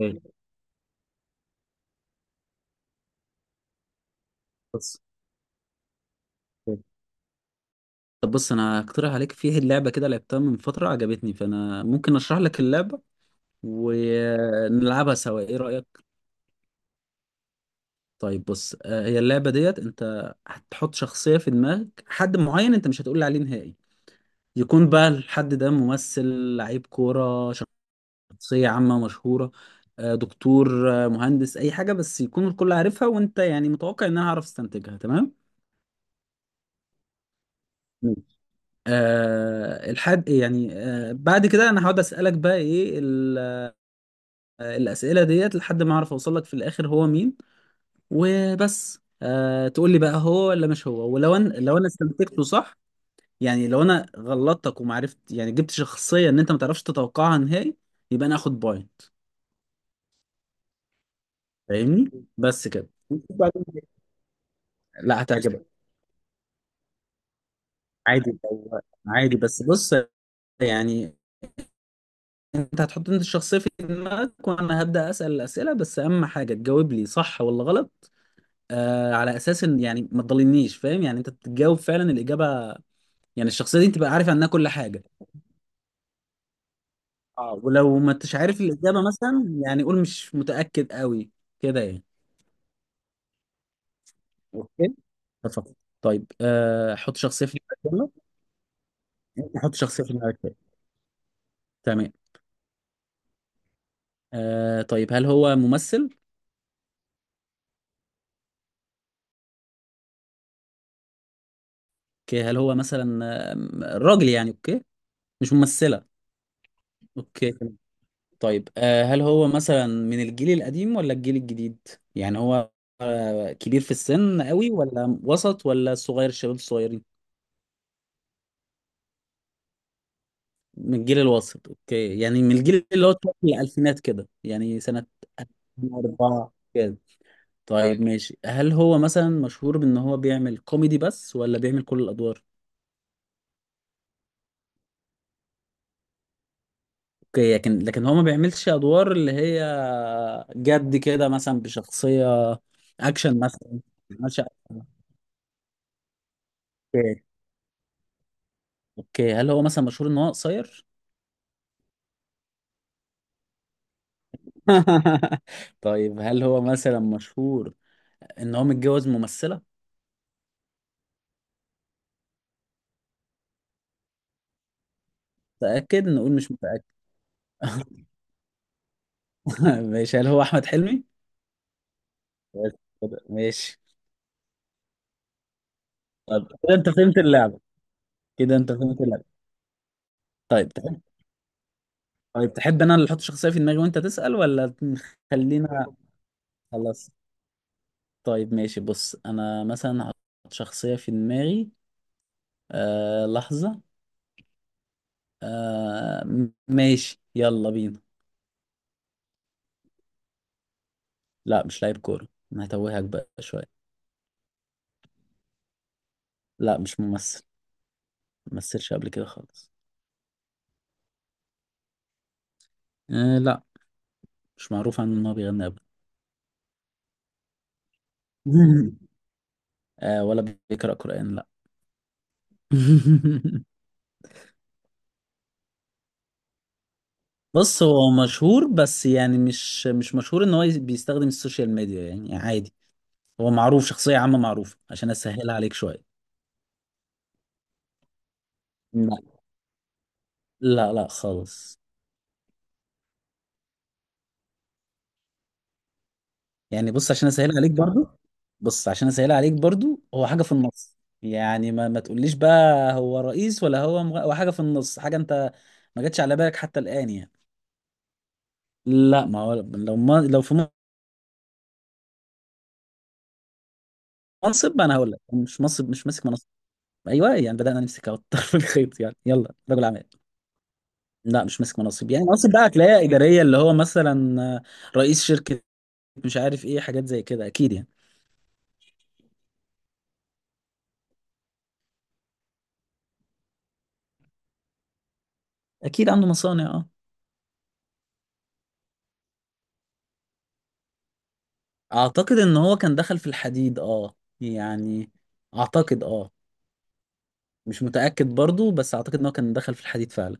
اوكي. بص. اوكي. طب بص، انا هقترح عليك. فيه اللعبه كده لعبتها من فتره عجبتني، فانا ممكن اشرح لك اللعبه ونلعبها سوا. ايه رايك؟ طيب بص، هي اللعبه ديت انت هتحط شخصيه في دماغك، حد معين انت مش هتقول لي عليه نهائي. يكون بقى الحد ده ممثل، لعيب كوره، شخصيه عامه مشهوره، دكتور، مهندس، اي حاجه بس يكون الكل عارفها، وانت يعني متوقع ان انا هعرف استنتجها. تمام؟ الحد يعني بعد كده انا هقعد اسالك بقى ايه الاسئله ديت لحد ما اعرف اوصل لك في الاخر هو مين. وبس تقول لي بقى هو ولا مش هو. ولو انا لو انا استنتجته صح. يعني لو انا غلطتك وما عرفت، يعني جبت شخصيه ان انت ما تعرفش تتوقعها نهائي، يبقى انا اخد بوينت. فاهمني؟ بس كده وبعدين. لا هتعجبك. عادي لو- عادي بس بص. يعني انت هتحط انت الشخصية في دماغك وانا هبدأ اسأل الأسئلة، بس اهم حاجة تجاوب لي صح ولا غلط. على اساس ان يعني ما تضلنيش فاهم، يعني انت بتجاوب فعلا الإجابة. يعني الشخصية دي انت تبقى عارف عنها كل حاجة. اه. ولو ما انتش عارف الإجابة مثلا، يعني قول مش متأكد قوي كده يعني. اوكي. اتفقنا. طيب حط شخصية في دماغك. يلا. انت حط شخصية في دماغك تاني. تمام. طيب هل هو ممثل؟ اوكي، هل هو مثلا راجل يعني؟ اوكي، مش ممثلة. اوكي. طيب هل هو مثلا من الجيل القديم ولا الجيل الجديد؟ يعني هو كبير في السن قوي ولا وسط ولا صغير، الشباب الصغيرين؟ من الجيل الوسط. اوكي، يعني من الجيل اللي هو في الألفينات كده، يعني سنة 2004 كده. طيب ماشي، هل هو مثلا مشهور بأن هو بيعمل كوميدي بس ولا بيعمل كل الأدوار؟ اوكي، لكن هو ما بيعملش أدوار اللي هي جد كده، مثلا بشخصية أكشن مثلا ما بيعملش. اوكي. هل هو مثلا مشهور ان هو قصير؟ طيب هل هو مثلا مشهور ان هو متجوز ممثلة؟ متأكد؟ نقول مش متأكد. ماشي، هل هو احمد حلمي؟ بس كده، ماشي. طيب كده انت فهمت اللعبة؟ كده انت فهمت اللعبة. طيب تحب، طيب تحب انا اللي احط شخصية في دماغي وانت تسأل ولا؟ خلينا. خلاص. طيب ماشي، بص انا مثلا هحط شخصية في دماغي. لحظة. آه ماشي، يلا بينا. لا مش لعيب كورة، انا هتوهك بقى شوية. لا مش ممثل، ممثلش قبل كده خالص. لا، مش معروف عنه ان هو بيغني قبل. ولا بيقرأ قرآن، لا. بص، هو مشهور بس يعني مش مشهور ان هو بيستخدم السوشيال ميديا، يعني عادي. هو معروف شخصية عامة معروفة عشان اسهلها عليك شوية. لا. لا لا خالص. يعني بص عشان اسهلها عليك برضو، بص عشان اسهلها عليك برضو هو حاجة في النص. يعني ما تقوليش بقى هو رئيس ولا هو هو حاجة في النص، حاجة انت ما جاتش على بالك حتى الآن يعني. لا، ما هو لو ما لو في منصب. ما انا هقول لك مش منصب، مش ماسك منصب. ايوه، يعني بدانا نمسك اهو طرف الخيط يعني. يلا، رجل اعمال. لا مش ماسك منصب، يعني منصب بقى هتلاقيها اداريه، اللي هو مثلا رئيس شركه، مش عارف ايه، حاجات زي كده اكيد يعني. اكيد عنده مصانع، اه. اعتقد ان هو كان دخل في الحديد، اه يعني. اعتقد، اه. مش متاكد برضو، بس اعتقد ان هو كان دخل في الحديد فعلا.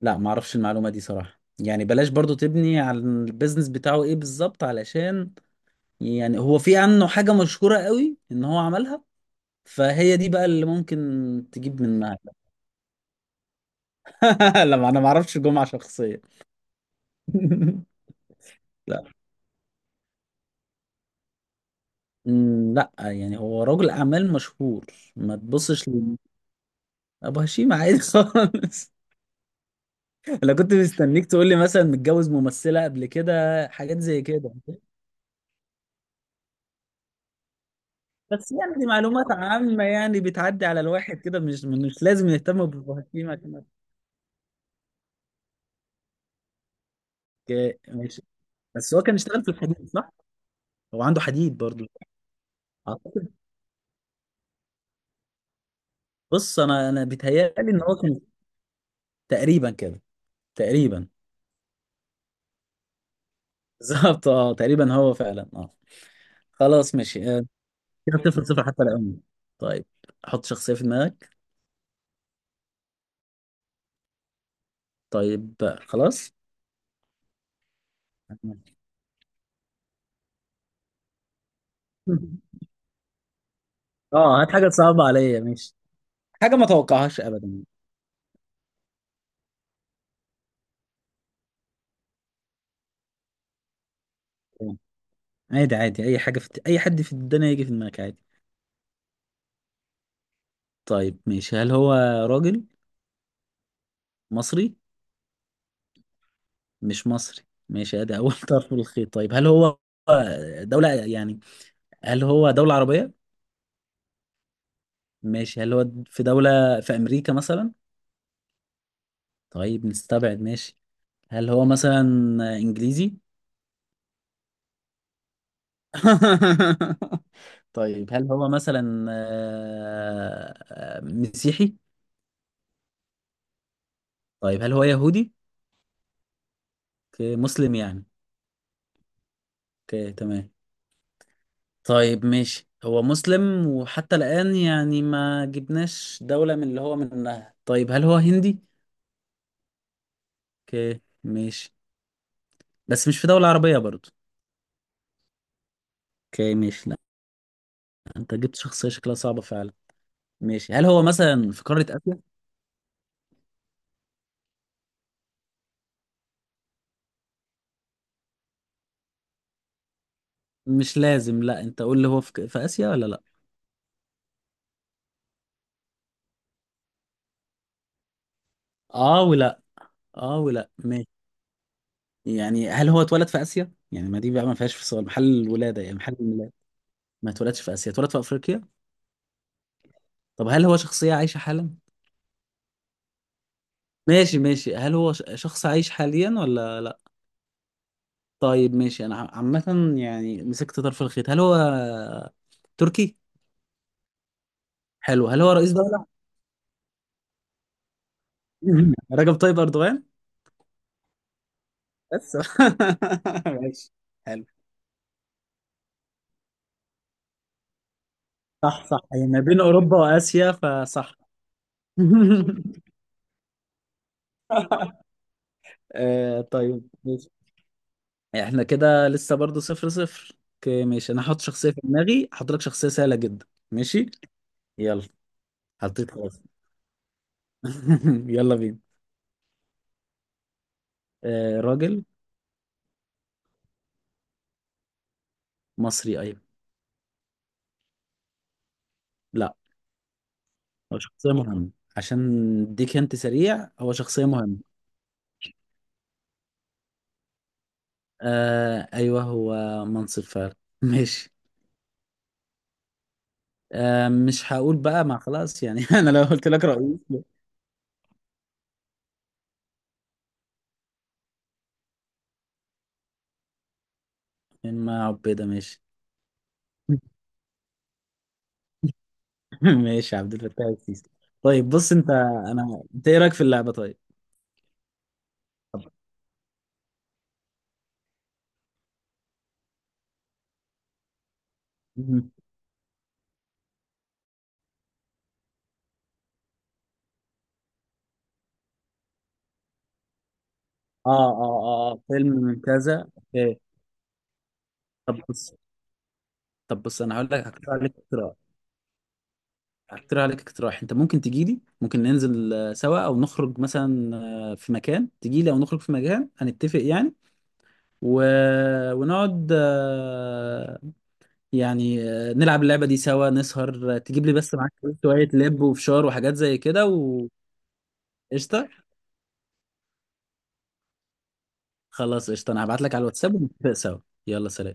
لا، ما اعرفش المعلومه دي صراحه، يعني بلاش برضو تبني على البيزنس بتاعه ايه بالظبط، علشان يعني هو في عنه حاجة مشهورة قوي ان هو عملها، فهي دي بقى اللي ممكن تجيب منها. لما انا ما اعرفش جمعة شخصية. لا. لا يعني هو رجل اعمال مشهور، ما تبصش ابو هشيم عادي خالص. انا كنت مستنيك تقول لي مثلا متجوز ممثلة قبل كده، حاجات زي كده. بس يعني دي معلومات عامة يعني بتعدي على الواحد كده، مش لازم نهتم بأبو هشيم عشان. أوكي، ماشي. بس هو كان اشتغل في الحديد صح؟ هو عنده حديد برضه. بص، انا بيتهيألي ان هو كان تقريبا كده، تقريبا. بالظبط اه، تقريبا هو فعلا اه. خلاص ماشي، كده صفر صفر حتى الآن. طيب حط شخصية في دماغك. طيب خلاص. اه هات حاجة صعبة عليا ماشي. حاجة ما توقعهاش ابدا. آه، عادي عادي، اي حاجة في اي حد في الدنيا يجي في دماغك عادي. طيب ماشي، هل هو راجل مصري؟ مش مصري ماشي، ادي اول طرف من الخيط. طيب هل هو دولة يعني، هل هو دولة عربية؟ ماشي، هل هو في دولة في أمريكا مثلا؟ طيب نستبعد ماشي. هل هو مثلا إنجليزي؟ طيب هل هو مثلا مسيحي؟ طيب هل هو يهودي؟ أوكي، مسلم يعني. اوكي تمام. طيب ماشي، هو مسلم وحتى الآن يعني ما جبناش دولة من اللي هو منها. طيب هل هو هندي؟ اوكي ماشي، بس مش في دولة عربية برضو. اوكي ماشي. لا، انت جبت شخصية شكلها صعبة فعلا. ماشي، هل هو مثلا في قارة آسيا؟ مش لازم، لا انت قول لي هو في, في آسيا ولا لا. اه ولا، اه ولا ماشي. يعني هل هو اتولد في آسيا؟ يعني ما دي بقى ما فيهاش في سؤال محل الولادة، يعني محل الميلاد. ما اتولدش في آسيا، اتولد في أفريقيا. طب هل هو شخصية عايشة حالا؟ ماشي ماشي، هل هو شخص عايش حاليا ولا لا؟ طيب ماشي، انا عامة يعني مسكت طرف الخيط، هل هو تركي؟ حلو، هل هو رئيس دولة؟ رجب طيب أردوغان؟ بس. ماشي. حلو. صح صح، هي ما بين أوروبا وآسيا فصح. طيب ماشي، احنا كده لسه برضو صفر صفر. اوكي ماشي، انا هحط شخصية في دماغي، هحط لك شخصية سهلة جدا ماشي. يلا. حطيت خلاص. يلا بينا. راجل مصري ايوه. لا، هو شخصية مهمة، عشان اديك انت سريع، هو شخصية مهمة. ايوه هو منصب فعلا. ماشي. مش هقول بقى، ما خلاص يعني، انا لو قلت لك رئيس. من ما عبيدة ماشي. ماشي يا عبد الفتاح السيسي. طيب بص انت، انا انت ايه رايك في اللعبه طيب؟ مهم. اه اه اه. فيلم من كذا، اوكي. طب بص طب بص انا هقول لك، هقترح عليك اقتراح. انت ممكن تجي لي، ممكن ننزل سوا او نخرج مثلا، في مكان تجي لي او نخرج في مكان هنتفق يعني. و... ونقعد، يعني نلعب اللعبه دي سوا، نسهر، تجيب لي بس معاك شويه لب وفشار وحاجات زي كده، وقشطه. خلاص قشطة، انا هبعت لك على الواتساب ونتفق سوا. يلا سلام.